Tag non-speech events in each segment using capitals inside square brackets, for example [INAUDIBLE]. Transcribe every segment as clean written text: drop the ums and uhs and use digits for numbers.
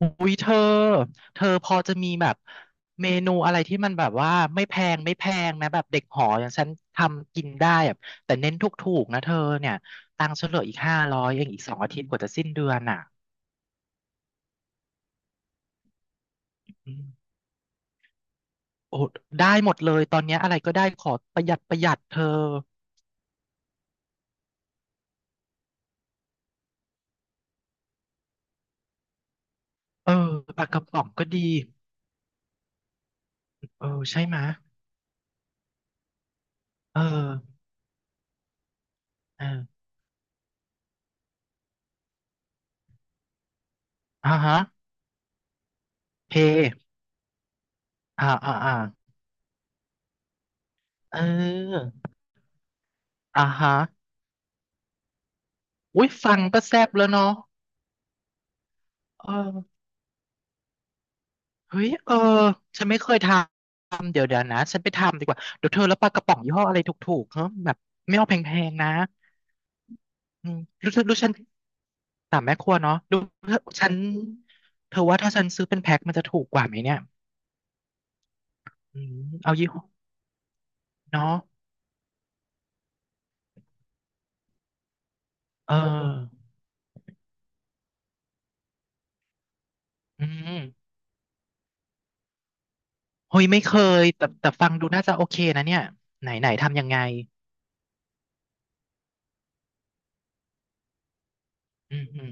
อุ้ยเธอพอจะมีแบบเมนูอะไรที่มันแบบว่าไม่แพงไม่แพงนะแบบเด็กหออย่างฉันทำกินได้แบบแต่เน้นถูกๆนะเธอเนี่ยตังค์ฉันเหลืออีก500เองอีก2 อาทิตย์กว่าจะสิ้นเดือนอ่ะอืมโอ้ได้หมดเลยตอนเนี้ยอะไรก็ได้ขอประหยัดประหยัดเธอเออปลากระป๋องก็ดีเออใช่ไหมะเออเอออ่าฮะเพอ่าอ่าอ่าเอออ่าฮะอุ้ยฟังก็แซ่บแล้วเนาะเออ เฮ้ยเออฉันไม่เคยทำเดี๋ยวเดี๋ยวนะฉันไปทำดีกว่าเดี๋ยวเธอแล้วปลากระป๋องยี่ห้ออะไรถูกๆเฮ้แบบไม่เอาแพงๆนะอืมรู้ฉันรู้ฉันสามแม่ครัวเนาะรู้ฉันเธอว่าถ้าฉันซื้อเป็นแพ็คมันจะถูกกว่าไหมเนี่ยอืมเอายี่ห้อเนาะเอออืมเฮ้ยไม่เคยแต่แต่ฟังดูน่าจะโอเคนะเนี่ยไหนไหนทำยังไงอืมอืม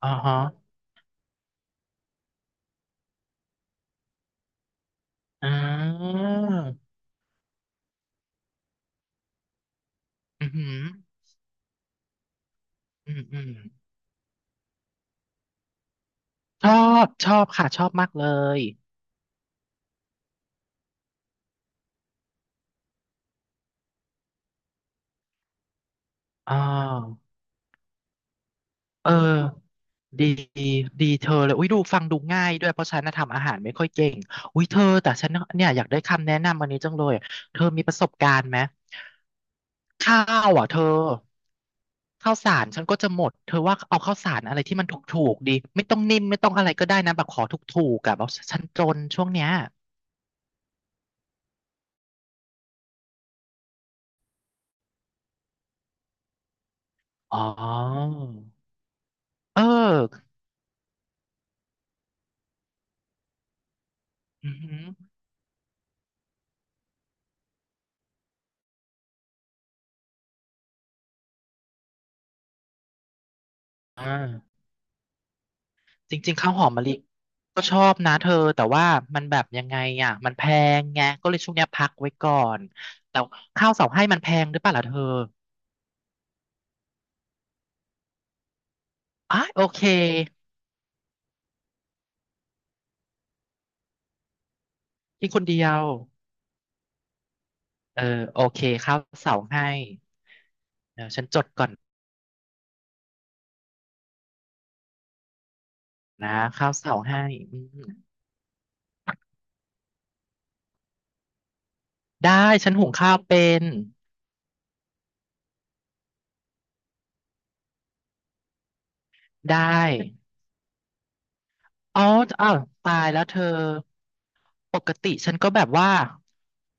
อ๋อฮะอ่าอืมอหืมออืมอืมชอบชอบค่ะชอบมากเลย อ่าเออดีดีเธอเลยอุ้ยดูฟังดูง่ายด้วยเพราะฉันน่ะทำอาหารไม่ค่อยเก่งอุ้ยเธอแต่ฉันน่ะเนี่ยอยากได้คำแนะนำอันนี้จังเลยเธอมีประสบการณ์ไหมข้าวอ่ะเธอข้าวสารฉันก็จะหมดเธอว่าเอาข้าวสารอะไรที่มันถูกๆดี ไม่ต้องนิ่มไม่ต้องอะไรก็ได้นะ แบบขอถูกๆกับเอาฉันจนช่วงเนี้ยอ๋อ เอออือหืออ่า จริงๆข้าวหอมมะลิก็ชอบนะเธอแต่ว่ามันแบบยังไงอ่ะมันแพงไงก็เลยช่วงเนี้ยพักไว้ก่อนแต่ข้าวเสาให้มันแพงหรือเปล่าล่ะเธออ่ะโอเคกินคนเดียวเออโอเคข้าวเสาให้เดี๋ยวฉันจดก่อนนะข้าวเสาให้อืมได้ฉันหุงข้าวเป็นได้ อ๋ออ้าวตายแล้วเธอปกติฉันก็แบบว่า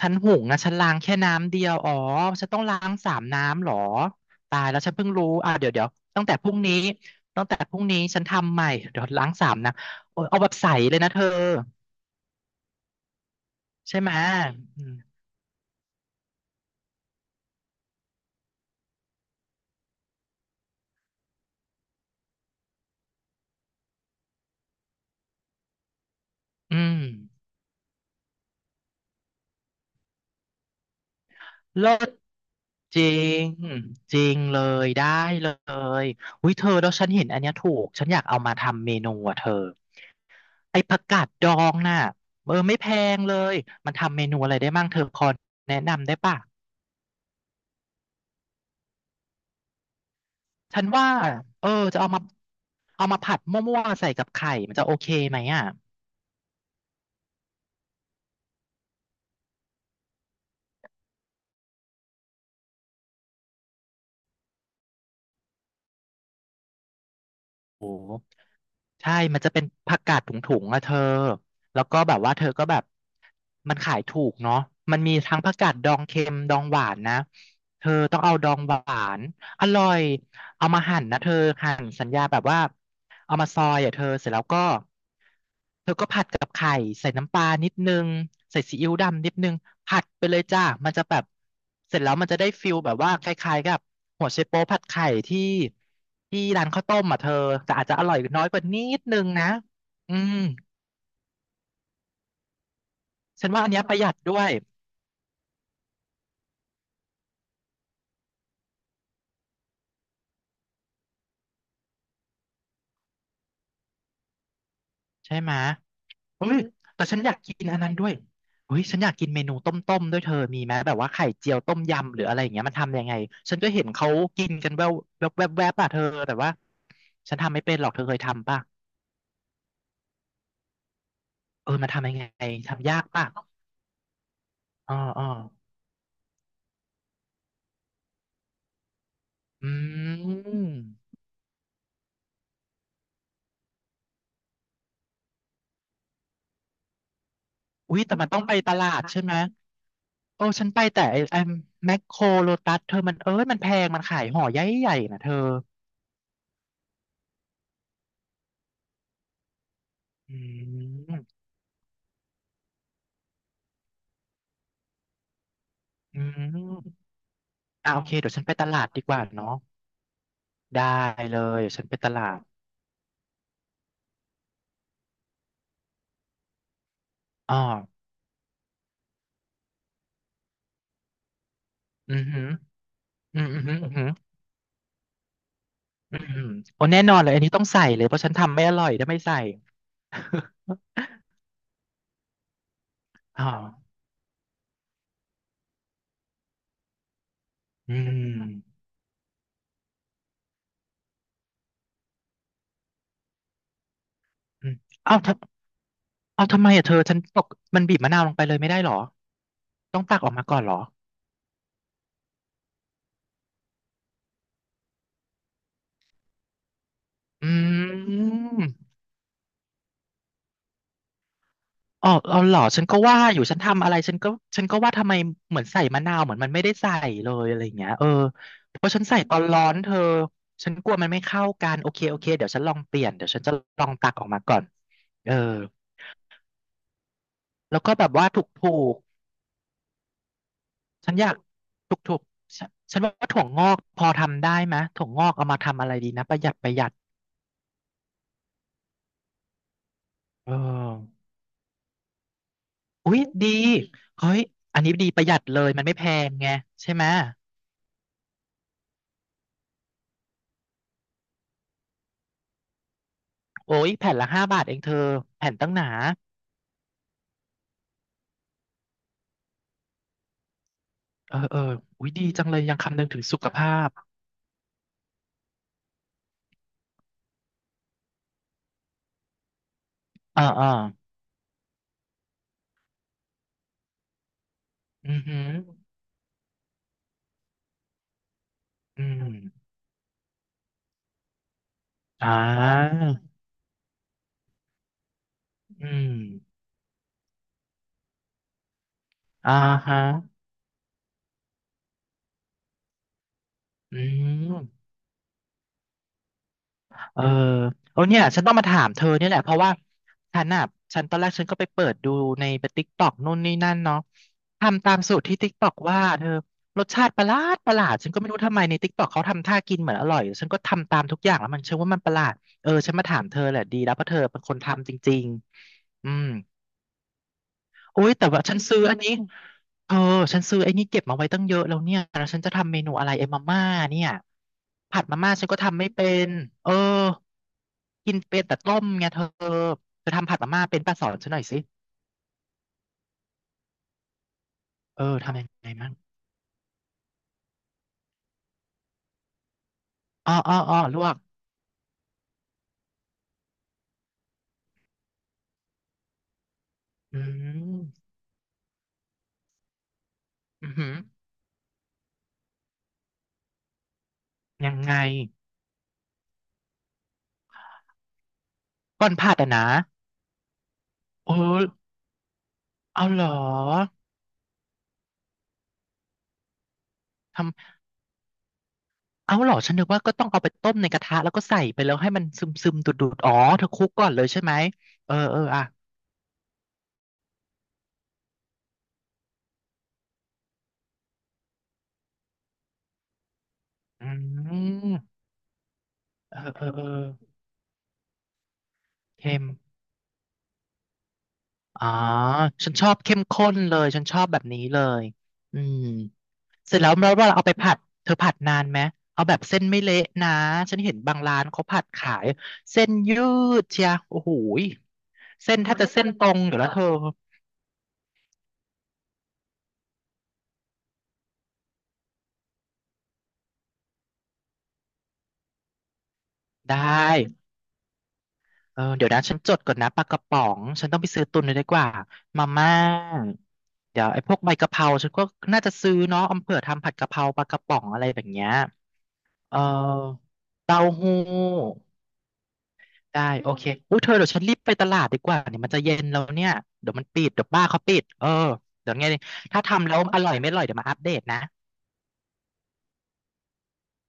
ฉันหุงนะฉันล้างแค่น้ำเดียวอ๋อฉันต้องล้างสามน้ำเหรอ ตายแล้วฉันเพิ่งรู้อ่าเดี๋ยวเดี๋ยวตั้งแต่พรุ่งนี้ตั้งแต่พรุ่งนี้ฉันทำใหม่เดี๋ยวล้างสามนะโอ้ยเอาแบบใสเลยนะเธอใช่ไหมอืมอืมเลิศจริงจริงเลยได้เลยอุ้ยเธอแล้วฉันเห็นอันเนี้ยถูกฉันอยากเอามาทำเมนูอ่ะเธอ ไอ้ผักกาดดองน่ะเออไม่แพงเลยมันทำเมนูอะไรได้มั่งเธอพอแนะนำได้ป่ะฉันว่าเออจะเอามาผัดมั่วๆใส่กับไข่มันจะโอเคไหมอ่ะโอ้ใช่มันจะเป็นผักกาดถุงๆอะเธอแล้วก็แบบว่าเธอก็แบบมันขายถูกเนาะมันมีทั้งผักกาดดองเค็มดองหวานนะเธอต้องเอาดองหวานอร่อย เอามาหั่นนะเธอหั่นสัญญาแบบว่าเอามาซอยอ่ะเธอเสร็จแล้วก็เธอก็ผัดกับไข่ใส่น้ำปลานิดนึงใส่ซีอิ๊วดำนิดนึงผัดไปเลยจ้ามันจะแบบเสร็จแล้วมันจะได้ฟิลแบบว่าคล้ายๆกับหัวไชโป๊วผัดไข่ที่ร้านข้าวต้มอ่ะเธอแต่อาจจะอร่อยน้อยกว่านิดนึงนะอืมฉันว่าอันเนี้ยประหยัดด้วยใช่ไหมะ เฮ้ยแต่ฉันอยากกินอันนั้นด้วยเฮ้ยฉันอยากกินเมนูต้มๆด้วยเธอมีไหมแบบว่าไข่เจียวต้มยำหรืออะไรอย่างเงี้ยมันทำยังไงฉันก็เห็นเขากินกันแววแวบๆแวบๆอะเธอแต่ว่าฉันทำไม่เป็นหรอกเธอเคยทำป่ะเออมันทำยังไงทำยากป่ะอ๋ออ๋ออืมอุ้ยแต่มันต้องไปตลาดใช่ไหมโอ้ฉันไปแต่ไอ้ไอ้แมคโครโลตัสเธอมันเอ้ยมันแพงมันขายห่อใหญ่ๆนะเธออืมอืมอ่าโอเคเดี๋ยวฉันไปตลาดดีกว่าเนาะ ได้เลยฉันไปตลาดอ้ออือหืออืมอือหืออือหืออือหือโอ้แน่นอนเลยอันนี้ต้องใส่เลยเพราะฉันทำไม่อร่อยถ้าไม่ใส่ [LAUGHS] อ๋ออืมอืมเอ้าทำเอ้าทำไมอ่ะเธอฉันตกมันบีบมะนาวลงไปเลยไม่ได้หรอต้องตักออกมาก่อนหรออืม อ๋อเอาเหรอฉันก็ว่าอยู่ฉันทำอะไรฉันก็ฉันก็ว่าทำไมเหมือนใส่มะนาวเหมือนมันไม่ได้ใส่เลยอะไรอย่างเงี้ยเออเพราะฉันใส่ตอนร้อนเธอฉันกลัวมันไม่เข้ากันโอเคโอเคเดี๋ยวฉันลองเปลี่ยนเดี๋ยวฉันจะลองตักออกมาก่อนเออแล้วก็แบบว่าถูกถูกฉันอยากถูกถูกฉันฉันว่าถั่วงอกพอทำได้ไหมยถั่วงอกเอามาทำอะไรดีนะประหยัดประหยัดเอออุ๊ยดีเฮ้ยอันนี้ดีประหยัดเลยมันไม่แพงไงใช่ไหมยโอ้ยแผ่นละ5 บาทเองเธอแผ่นตั้งหนา เออเอออุ้ยดีจังเลยยังคำนึงถึงสุขภาพอ่าอ่าอือหืออืมอ่าอืมอ่าฮะอืมเออเออเนี่ยฉันต้องมาถามเธอเนี่ยแหละเพราะว่าฉันอ่ะฉันตอนแรกฉันก็ไปเปิดดูในติ๊กต็อกนู่นนี่นั่นเนาะทำตามสูตรที่ติ๊กต็อกว่าเธอรสชาติประหลาดประหลาดฉันก็ไม่รู้ทำไมในติ๊กต็อกเขาทำท่ากินเหมือนอร่อยฉันก็ทำตามทุกอย่างแล้วมันเชื่อว่ามันประหลาดเออฉันมาถามเธอแหละดีแล้วเพราะเธอเป็นคนทำจริงๆอืม โอ้ยแต่ว่าฉันซื้ออันนี้เธอฉันซื้อไอ้นี่เก็บมาไว้ตั้งเยอะแล้วเนี่ยแล้วฉันจะทำเมนูอะไรไอ้มาม่าเนี่ยผัดมาม่าฉันก็ทำไม่เป็นเออกินเป็นแต่ต้มไงเธอเธอทำผัดมาม่าเป็นป้าสอนฉันหน่อยสิเออทำยังไงมั่งอ้ออ้ออ้อลวกอืมอือหือยังไงก่อนผัดอ่ะนะเออเอาเหรอทำเอาเหรอฉันนึกว่าก็ต้องเอาไปต้มในกระทะแล้วก็ใส่ไปแล้วให้มันซึมซึมดูดดูดอ๋อเธอคลุกก่อนเลยใช่ไหมเออเอออ่ะ อืมเออเออเออเข้มอ๋อฉันชอบเข้มข้นเลยฉันชอบแบบนี้เลยอืมเสร็จแล้วแล้วเราเอาไปผัดเธอผัดนานไหมเอาแบบเส้นไม่เละนะฉันเห็นบางร้านเขาผัดขายเส้นยืดเชียโอ้โหยเส้นแทบจะเส้นตรงอยู่แล้วเธอได้เออเดี๋ยวนะฉันจดก่อนนะปลากระป๋องฉันต้องไปซื้อตุนเลยดีกว่ามาม่าเดี๋ยวไอ้พวกใบกะเพราฉันก็น่าจะซื้อเนาะเอาเผื่อทำผัดกะเพราปลากระป๋องอะไรแบบเนี้ย เอ่อเต้าหู้ได้โอเคอุ้ยเธอเดี๋ยวฉันรีบไปตลาดดีกว่าเนี่ยมันจะเย็นแล้วเนี่ยเดี๋ยวมันปิดเดี๋ยวบ้านเขาปิดเออเดี๋ยวไงถ้าทำแล้วอร่อยไม่อร่อยเดี๋ยวมาอัปเดตนะ